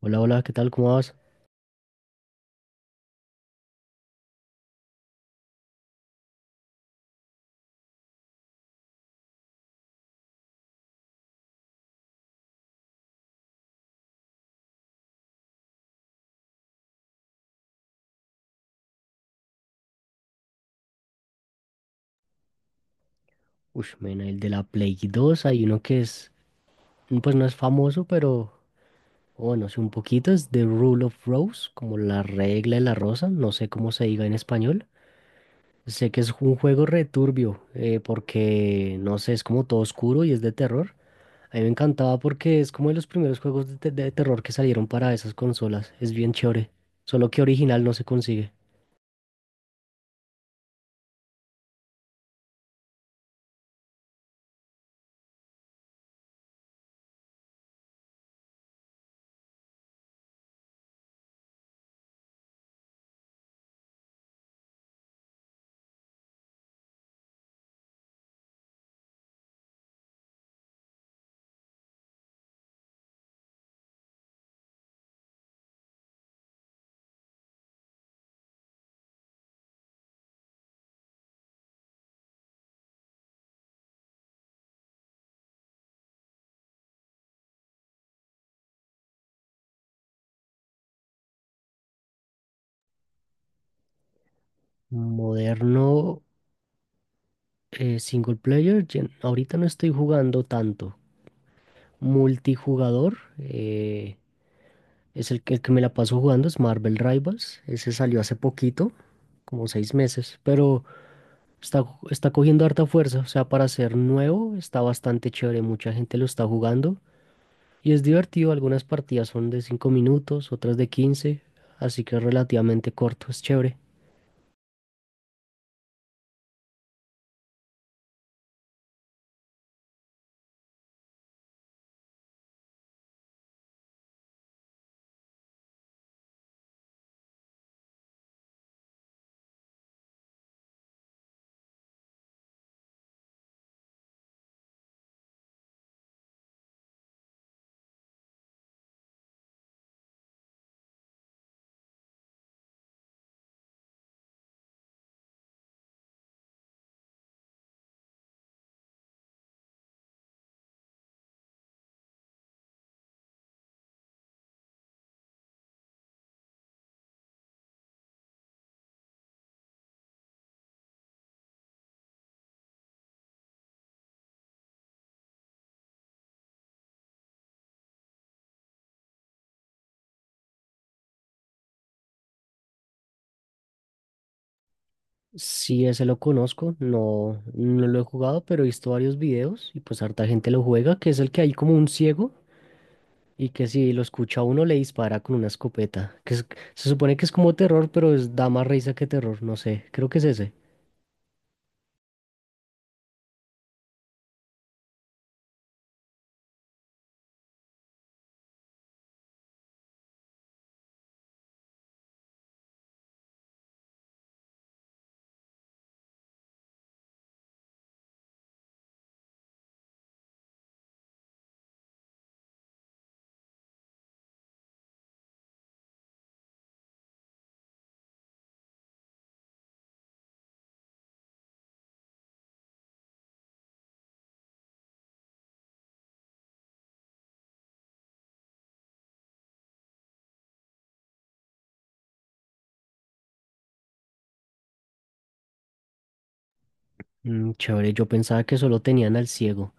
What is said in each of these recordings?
Hola, hola, ¿qué tal? ¿Cómo vas? Uy, mena, el de la Play 2, hay uno que es, pues no es famoso, pero bueno, sí un poquito, es The Rule of Rose, como la regla de la rosa, no sé cómo se diga en español. Sé que es un juego returbio, porque no sé, es como todo oscuro y es de terror. A mí me encantaba porque es como de los primeros juegos de terror que salieron para esas consolas, es bien chévere, solo que original no se consigue. Moderno, single player, ahorita no estoy jugando tanto. Multijugador es el que me la paso jugando, es Marvel Rivals. Ese salió hace poquito, como 6 meses, pero está, está cogiendo harta fuerza. O sea, para ser nuevo está bastante chévere. Mucha gente lo está jugando y es divertido. Algunas partidas son de 5 minutos, otras de 15, así que es relativamente corto, es chévere. Sí, ese lo conozco, no, no lo he jugado, pero he visto varios videos y pues harta gente lo juega, que es el que hay como un ciego y que si lo escucha uno le dispara con una escopeta. Se supone que es como terror, pero es, da más risa que terror. No sé, creo que es ese. Mm, chévere, yo pensaba que solo tenían al ciego.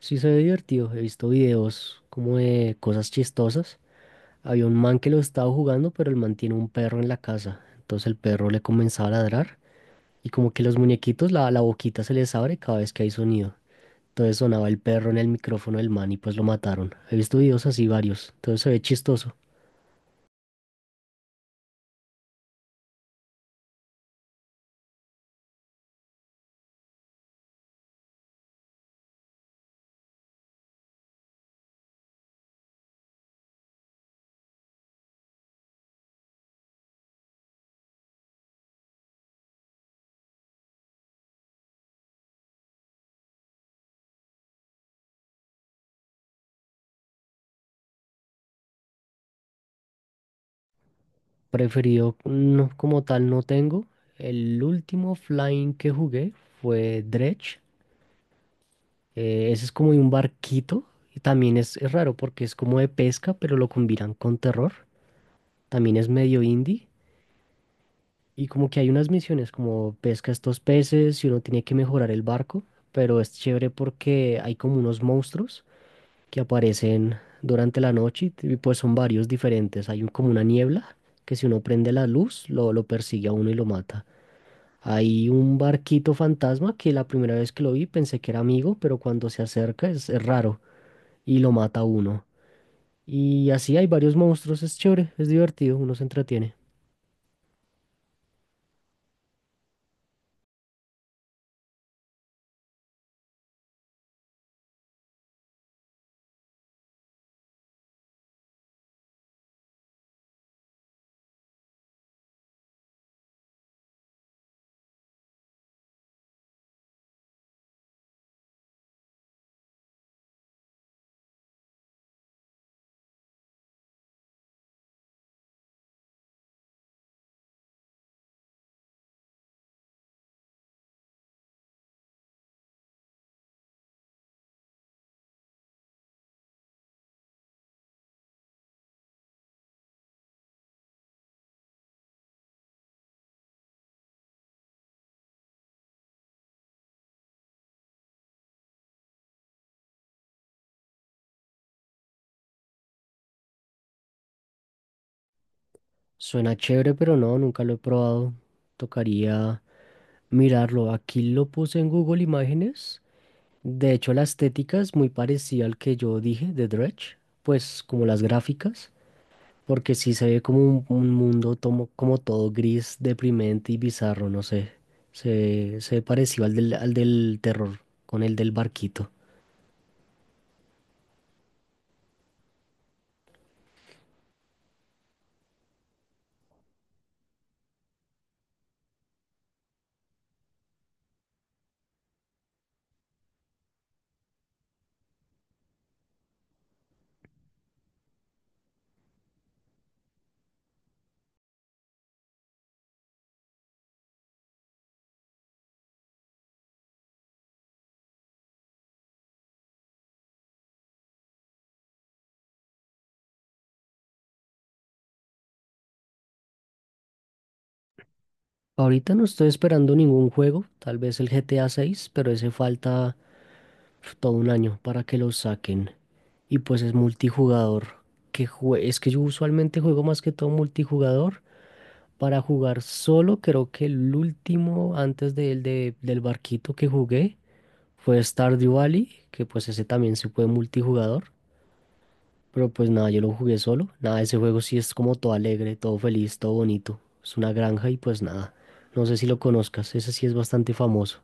Sí, se ve divertido. He visto videos como de cosas chistosas. Había un man que lo estaba jugando, pero el man tiene un perro en la casa. Entonces el perro le comenzaba a ladrar, y como que los muñequitos, la boquita se les abre cada vez que hay sonido. Entonces sonaba el perro en el micrófono del man y pues lo mataron. He visto videos así varios. Entonces se ve chistoso. Preferido no, como tal no tengo. El último flying que jugué fue Dredge. Ese es como de un barquito. Y también es raro porque es como de pesca, pero lo combinan con terror. También es medio indie. Y como que hay unas misiones como pesca estos peces y uno tiene que mejorar el barco. Pero es chévere porque hay como unos monstruos que aparecen durante la noche y pues son varios diferentes. Como una niebla que si uno prende la luz lo persigue a uno y lo mata. Hay un barquito fantasma que la primera vez que lo vi pensé que era amigo, pero cuando se acerca es raro y lo mata a uno. Y así hay varios monstruos, es chévere, es divertido, uno se entretiene. Suena chévere, pero no, nunca lo he probado. Tocaría mirarlo. Aquí lo puse en Google Imágenes. De hecho, la estética es muy parecida al que yo dije de Dredge, pues como las gráficas. Porque sí se ve como un mundo como todo gris, deprimente y bizarro, no sé. Se ve parecido al al del terror, con el del barquito. Ahorita no estoy esperando ningún juego, tal vez el GTA 6, pero ese falta uf, todo un año para que lo saquen. Y pues es multijugador. Es que yo usualmente juego más que todo multijugador. Para jugar solo, creo que el último antes del barquito que jugué fue Stardew Valley, que pues ese también se puede multijugador, pero pues nada, yo lo jugué solo. Nada, ese juego sí es como todo alegre, todo feliz, todo bonito. Es una granja y pues nada. No sé si lo conozcas, ese sí es bastante famoso.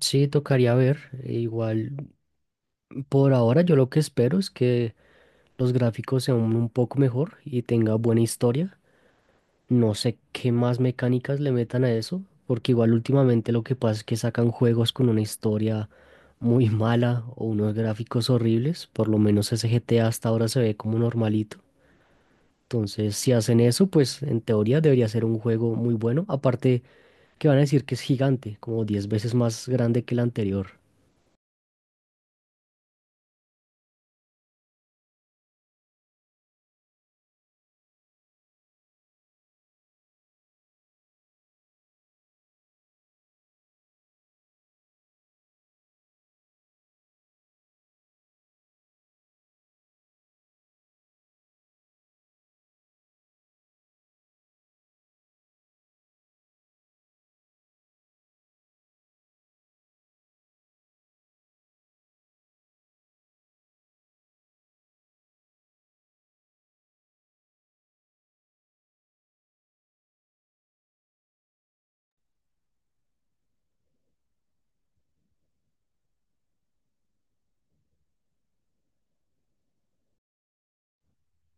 Sí, tocaría ver. E igual, por ahora yo lo que espero es que los gráficos sean un poco mejor y tenga buena historia. No sé qué más mecánicas le metan a eso, porque igual últimamente lo que pasa es que sacan juegos con una historia muy mala o unos gráficos horribles, por lo menos ese GTA hasta ahora se ve como normalito. Entonces, si hacen eso, pues en teoría debería ser un juego muy bueno, aparte que van a decir que es gigante, como 10 veces más grande que el anterior.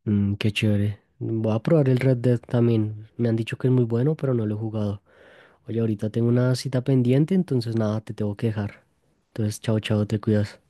Mm, qué chévere. Voy a probar el Red Dead también. Me han dicho que es muy bueno, pero no lo he jugado. Oye, ahorita tengo una cita pendiente, entonces nada, te tengo que dejar. Entonces, chao, chao, te cuidas.